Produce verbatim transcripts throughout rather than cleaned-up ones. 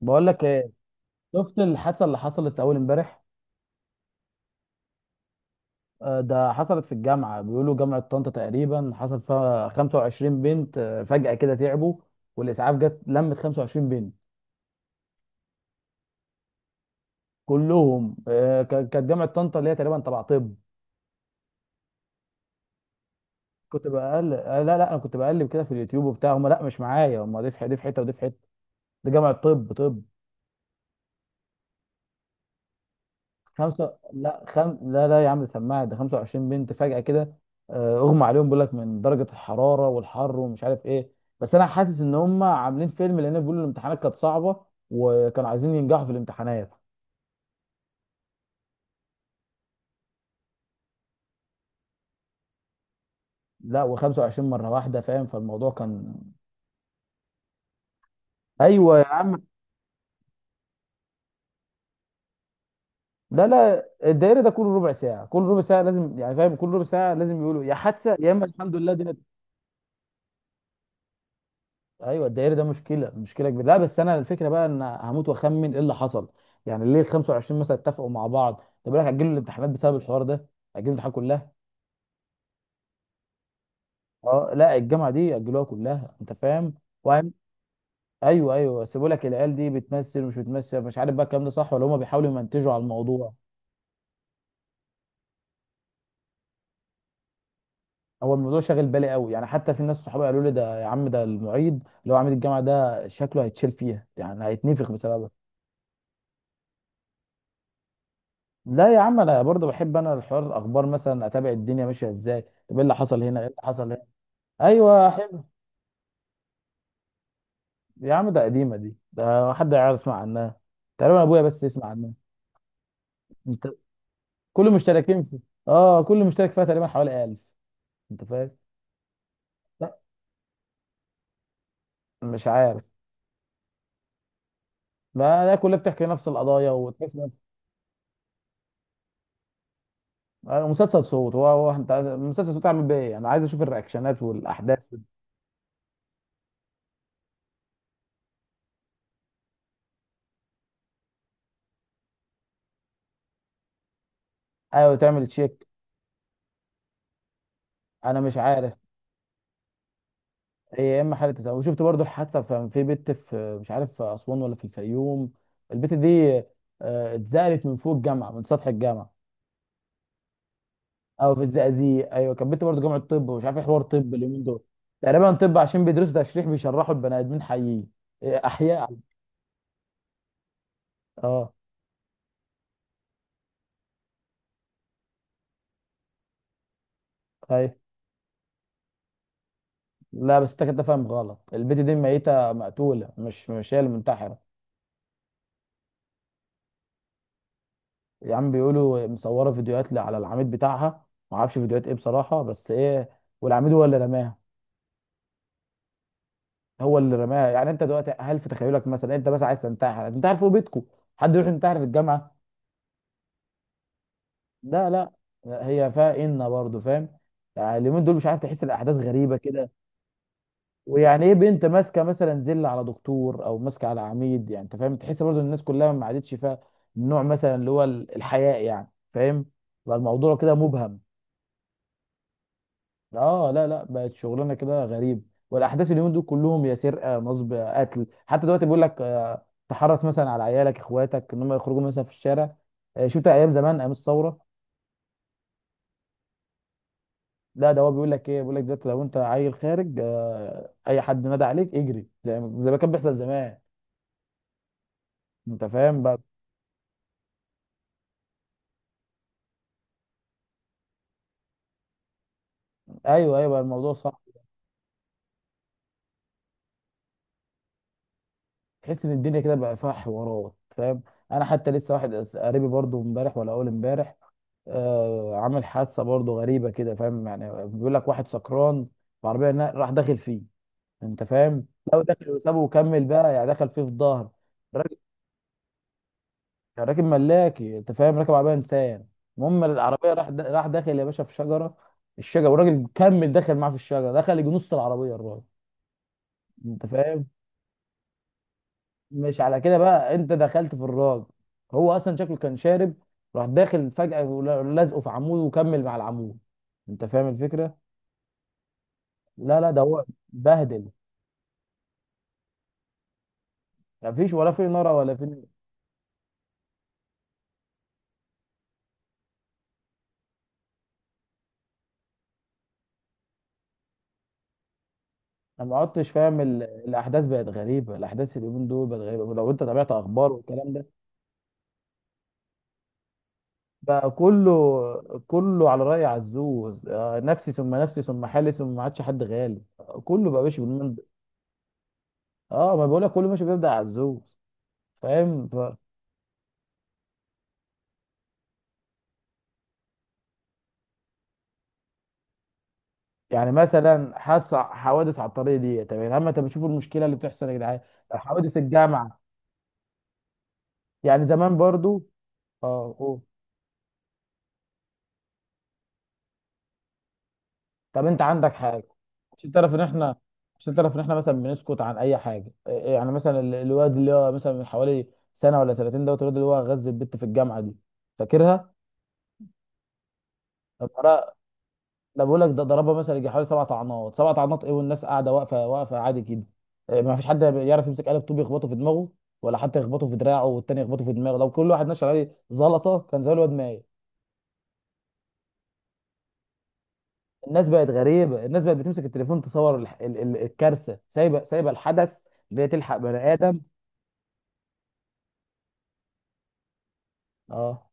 بقول لك ايه؟ شفت الحادثه اللي حصلت اول امبارح؟ آه، ده حصلت في الجامعه، بيقولوا جامعه طنطا تقريبا حصل فيها خمسة وعشرين بنت. آه، فجاه كده تعبوا، والاسعاف جت لمت خمسة وعشرين بنت كلهم. آه، ك- كانت جامعه طنطا اللي هي تقريبا تبع طب. كنت بقل آه، لا لا، انا كنت بقلب كده في اليوتيوب وبتاع. هم لا مش معايا هم، دي في ح- دي في حته ودي في حته. دي جامعه طب طب. خمسة لا خم... لا لا يا عم، سماعة ده خمسة وعشرين بنت فجأة كده. آه، اغمى عليهم، بيقول لك من درجة الحرارة والحر ومش عارف ايه. بس انا حاسس ان هم عاملين فيلم، لان بيقولوا الامتحانات كانت صعبة وكانوا عايزين ينجحوا في الامتحانات. لا، و25 مرة واحدة، فاهم؟ فالموضوع كان ايوه يا عم. لا لا، الدايرة ده كل ربع ساعة، كل ربع ساعة لازم، يعني فاهم، كل ربع ساعة لازم يقولوا يا حادثة يا اما الحمد لله دي. ايوه، الدائري ده مشكله، مشكله كبيره. لا بس انا الفكره بقى ان هموت واخمن ايه اللي حصل. يعني ليه ال خمسة وعشرين مثلا اتفقوا مع بعض؟ طب لك اجلوا الامتحانات بسبب الحوار ده، اجلوا الامتحانات كلها. اه لا، الجامعه دي اجلوها كلها، انت فاهم. وهم... ايوه ايوه، سيبوا لك العيال دي بتمثل ومش بتمثل، مش عارف بقى الكلام ده صح ولا هم بيحاولوا يمنتجوا على الموضوع. هو الموضوع شاغل بالي قوي، يعني حتى في ناس صحابي قالوا لي ده يا عم، ده المعيد اللي هو عميد الجامعه ده شكله هيتشال فيها، يعني هيتنفخ بسببها. لا يا عم، انا برضه بحب، انا الحوار الاخبار مثلا اتابع الدنيا ماشيه ازاي. طب ايه اللي حصل هنا، ايه اللي حصل هنا؟ ايوه حلو. يا عم، ده قديمه دي، ده حد يعرف يسمع عنها؟ تقريبا ابويا بس يسمع عنها. انت كل مشتركين في... اه كل مشترك فيها تقريبا حوالي الف، انت فاهم؟ لا، مش عارف. ما ده كلها بتحكي نفس القضايا وتحس نفس. آه، مسلسل صوت. هو هو انت عايز- مسلسل صوت، تعمل بيه ايه؟ انا عايز اشوف الرياكشنات والاحداث. ايوه، تعمل تشيك. انا مش عارف. هي يا اما حاله، تزوج وشفت برضو الحادثه في في بنت، في مش عارف في اسوان ولا في الفيوم؟ البنت دي، آه، اتزالت من فوق الجامعه، من سطح الجامعه. او في الزقازيق، ايوه، كانت بنت برضو جامعه طب ومش عارف ايه حوار طب اليومين دول. تقريبا طب عشان بيدرسوا تشريح، بيشرحوا البني ادمين حيين. إيه، احياء. اه. ايوه، لا بس انت كده فاهم غلط. البنت دي ميته، مقتوله، مش مش هي المنتحره. يا عم، بيقولوا مصوره فيديوهات ل- على العميد بتاعها. ما اعرفش فيديوهات ايه بصراحه، بس ايه، والعميد هو اللي رماها. هو اللي رماها. يعني انت دلوقتي هل في تخيلك مثلا انت بس عايز تنتحر، هتنتحر فوق بيتكم، حد يروح ينتحر في الجامعه؟ لا لا. لا، هي فيها ان برضه، فاهم، يعني اليومين دول مش عارف، تحس الاحداث غريبه كده. ويعني ايه بنت ماسكه مثلا زله على دكتور او ماسكه على عميد، يعني انت فاهم تحس برضه الناس كلها ما عادتش فيها النوع مثلا، اللي هو ال- الحياء، يعني فاهم، بقى الموضوع كده مبهم. اه لا لا، بقت شغلانه كده غريب، والاحداث اليومين دول كلهم يا سرقه، نصب، آه، قتل. حتى دلوقتي بيقول لك آه، تحرص مثلا على عيالك اخواتك ان هم يخرجوا مثلا في الشارع. آه، شفت ايام زمان، ايام الثوره. لا، ده هو بيقول لك ايه، بيقول لك دلوقتي لو انت عيل خارج، آه، اي حد نادى عليك اجري، زي ما زي ما كان بيحصل زمان، انت فاهم بقى. ايوه ايوه، بقى الموضوع صح، تحس ان الدنيا كده بقى فيها حوارات، فاهم. انا حتى لسه واحد قريبي برضو امبارح ولا اول امبارح آه، عامل حادثه برضه غريبه كده، فاهم؟ يعني بيقول لك واحد سكران في عربيه، نا- راح داخل فيه، انت فاهم؟ لو داخل وسابه وكمل بقى، يعني دخل فيه في ظهر. راكب. راكب ملاكي، انت فاهم، راكب عربيه انسان. المهم العربيه راح دا... راح داخل يا باشا في شجره. الشجره والراجل كمل داخل معاه في الشجره، دخل يجي نص العربيه الراجل، انت فاهم. مش على كده بقى، انت دخلت في الراجل، هو اصلا شكله كان شارب، راح داخل فجاه ولازقه في عمود وكمل مع العمود، انت فاهم الفكره. لا لا، ده هو بهدل. مفيش ولا في نار ولا في. انا ما عدتش فاهم، ال... الاحداث بقت غريبه، الاحداث اليومين دول بقت غريبه، ولو انت تابعت اخبار والكلام ده. بقى كله كله على راي عزوز، آه، نفسي ثم نفسي ثم حالي ثم ما عادش حد غالي. آه، كله بقى ماشي بالمن... اه، ما بقول لك كله ماشي بيبدا عزوز، فاهم ف... يعني مثلا حادثه حوادث على الطريق دي، طب يا عم انت بتشوفوا المشكله اللي بتحصل يا جدعان. حوادث الجامعه، يعني زمان برضو. اه. طب انت عندك حاجه عشان تعرف ان احنا، عشان تعرف ان احنا مثلا بنسكت عن اي حاجه. إيه- إيه، يعني مثلا ال- الواد اللي هو مثلا من حوالي سنه ولا سنتين دوت، الواد اللي هو غز البت في الجامعه دي، فاكرها؟ طب مرة- ده بقول لك ده ضربها مثلا يجي حوالي سبع طعنات، سبع طعنات ايه، والناس قاعده واقفه، واقفه عادي كده. إيه، ما فيش حد يعرف يمسك قلب طوب يخبطه في دماغه، ولا حتى يخبطه في دراعه والتاني يخبطه في دماغه. لو كل واحد نشر عليه زلطه كان زي الواد مايل. الناس بقت غريبه، الناس بقت بتمسك التليفون تصور الح- ال- ال- الكارثه، سايبه سايبه الحدث اللي هي تلحق بني ادم. اه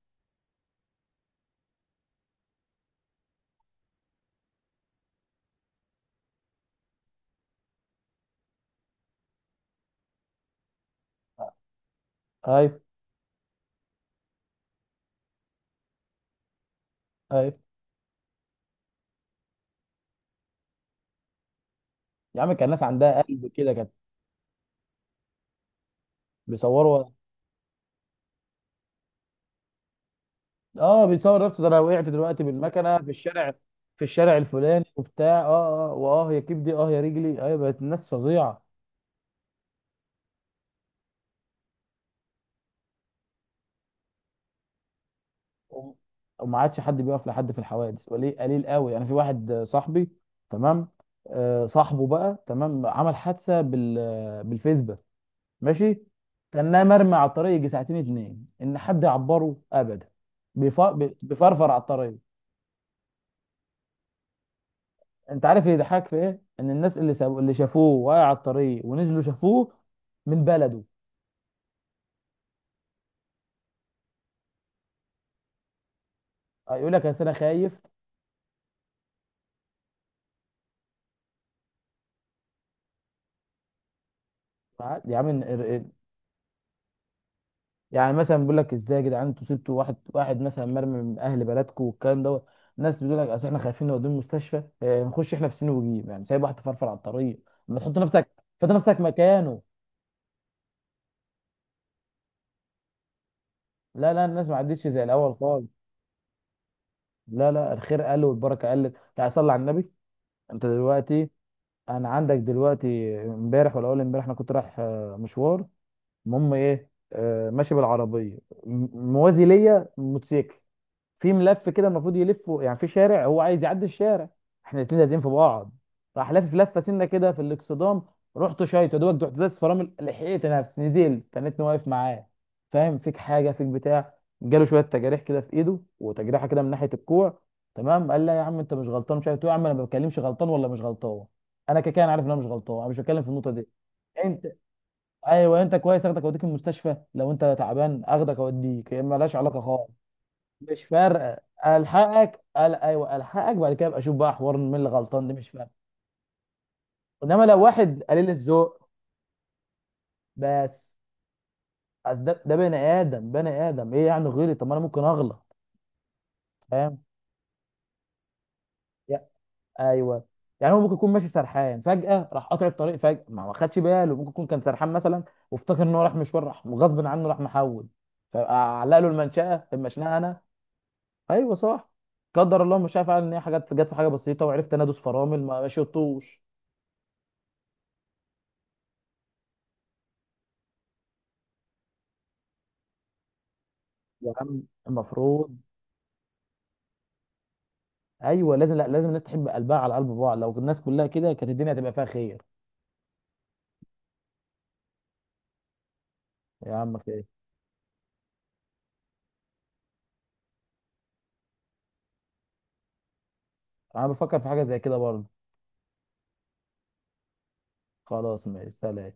ايوه ايوه. يا عم، كان ناس عندها قلب كده كانت بيصوروا. اه، بيصور نفسه. ده انا وقعت دلوقتي بالمكنه في الشارع، في الشارع الفلاني وبتاع. اه اه، واه يا كبدي، اه يا رجلي. ايوه، بقت الناس فظيعه. وم- وما عادش حد بيقف لحد في الحوادث، قليل قليل قوي. يعني في واحد آه، صاحبي، تمام، آه صاحبه بقى، تمام، عمل حادثه بال آه، بالفيسبا، ماشي. كان مرمي على الطريق يجي ساعتين اتنين، ان حد يعبره ابدا، بيف- بيفرفر على الطريق. انت عارف اللي يضحك في ايه؟ ان الناس اللي سابوا، اللي شافوه واقع على الطريق ونزلوا شافوه من بلده. اه، يقول لك اصل انا خايف. عاد- يا عم ان- ار- ار- يعني مثلا بيقول لك ازاي يا جدعان انتوا سبتوا واحد، واحد مثلا مرمي من اهل بلدكم والكلام دوت. الناس بتقول لك اصل احنا خايفين نوديه المستشفى، اه، نخش احنا في سين وجيب، يعني سايب واحد فرفر على الطريق. ما تحط نفسك، تحط نفسك مكانه. لا لا، الناس ما عدتش زي الاول خالص. لا لا، الخير قل والبركه قلت، يعني صلي على النبي. انت دلوقتي، انا عندك دلوقتي امبارح ولا اول امبارح انا كنت رايح آه، مشوار. المهم ايه، آه ماشي بالعربيه، م- موازي ليا موتوسيكل في ملف كده، المفروض يلفه يعني في شارع هو عايز يعدي الشارع، احنا الاتنين لازقين في بعض. راح لافف لفه سنه كده في الاكسدام، رحت شايط يا دوبك رحت داس فرامل، لحقت نفسي نزلت تنتني واقف معاه، فاهم، فيك حاجه، فيك بتاع؟ جاله شويه تجاريح كده في ايده، وتجريحه كده من ناحيه الكوع. تمام. قال لا يا عم انت مش غلطان مش عارف إيه. قلت له يا عم انا ما بتكلمش غلطان ولا مش غلطان. انا كده كده أنا عارف ان انا مش غلطان، انا مش بتكلم في النقطه دي. انت؟ ايوه انت كويس، اخدك اوديك المستشفى، لو انت تعبان اخدك اوديك. هي مالهاش علاقه خالص، مش فارقه. الحقك، قال ايوه الحقك، بعد كده ابقى اشوف بقى حوار مين اللي غلطان، دي مش فارقه. انما لو واحد قليل الذوق، بس. أصل ده ده بني ادم، بني ادم ايه يعني غيري؟ طب ما انا ممكن اغلط، فاهم؟ يا ايوه، يعني هو ممكن يكون ماشي سرحان، فجاه راح قاطع الطريق، فجاه ما ما خدش باله، ممكن يكون كان سرحان مثلا، وافتكر ان هو راح مشوار راح غصب عنه راح محول. فاعلق له المنشاه المشنقه انا؟ ايوه صح، قدر الله. مش عارف ان هي حاجات جت في حاجه بسيطه وعرفت انا ادوس فرامل، ما ما شطوش. يا عم، المفروض. ايوه لازم، لا لازم الناس تحب قلبها على قلب بعض، لو الناس كلها كده كانت الدنيا هتبقى فيها خير. يا عم خير. انا بفكر في حاجه زي كده برضه. خلاص ماشي، سلام.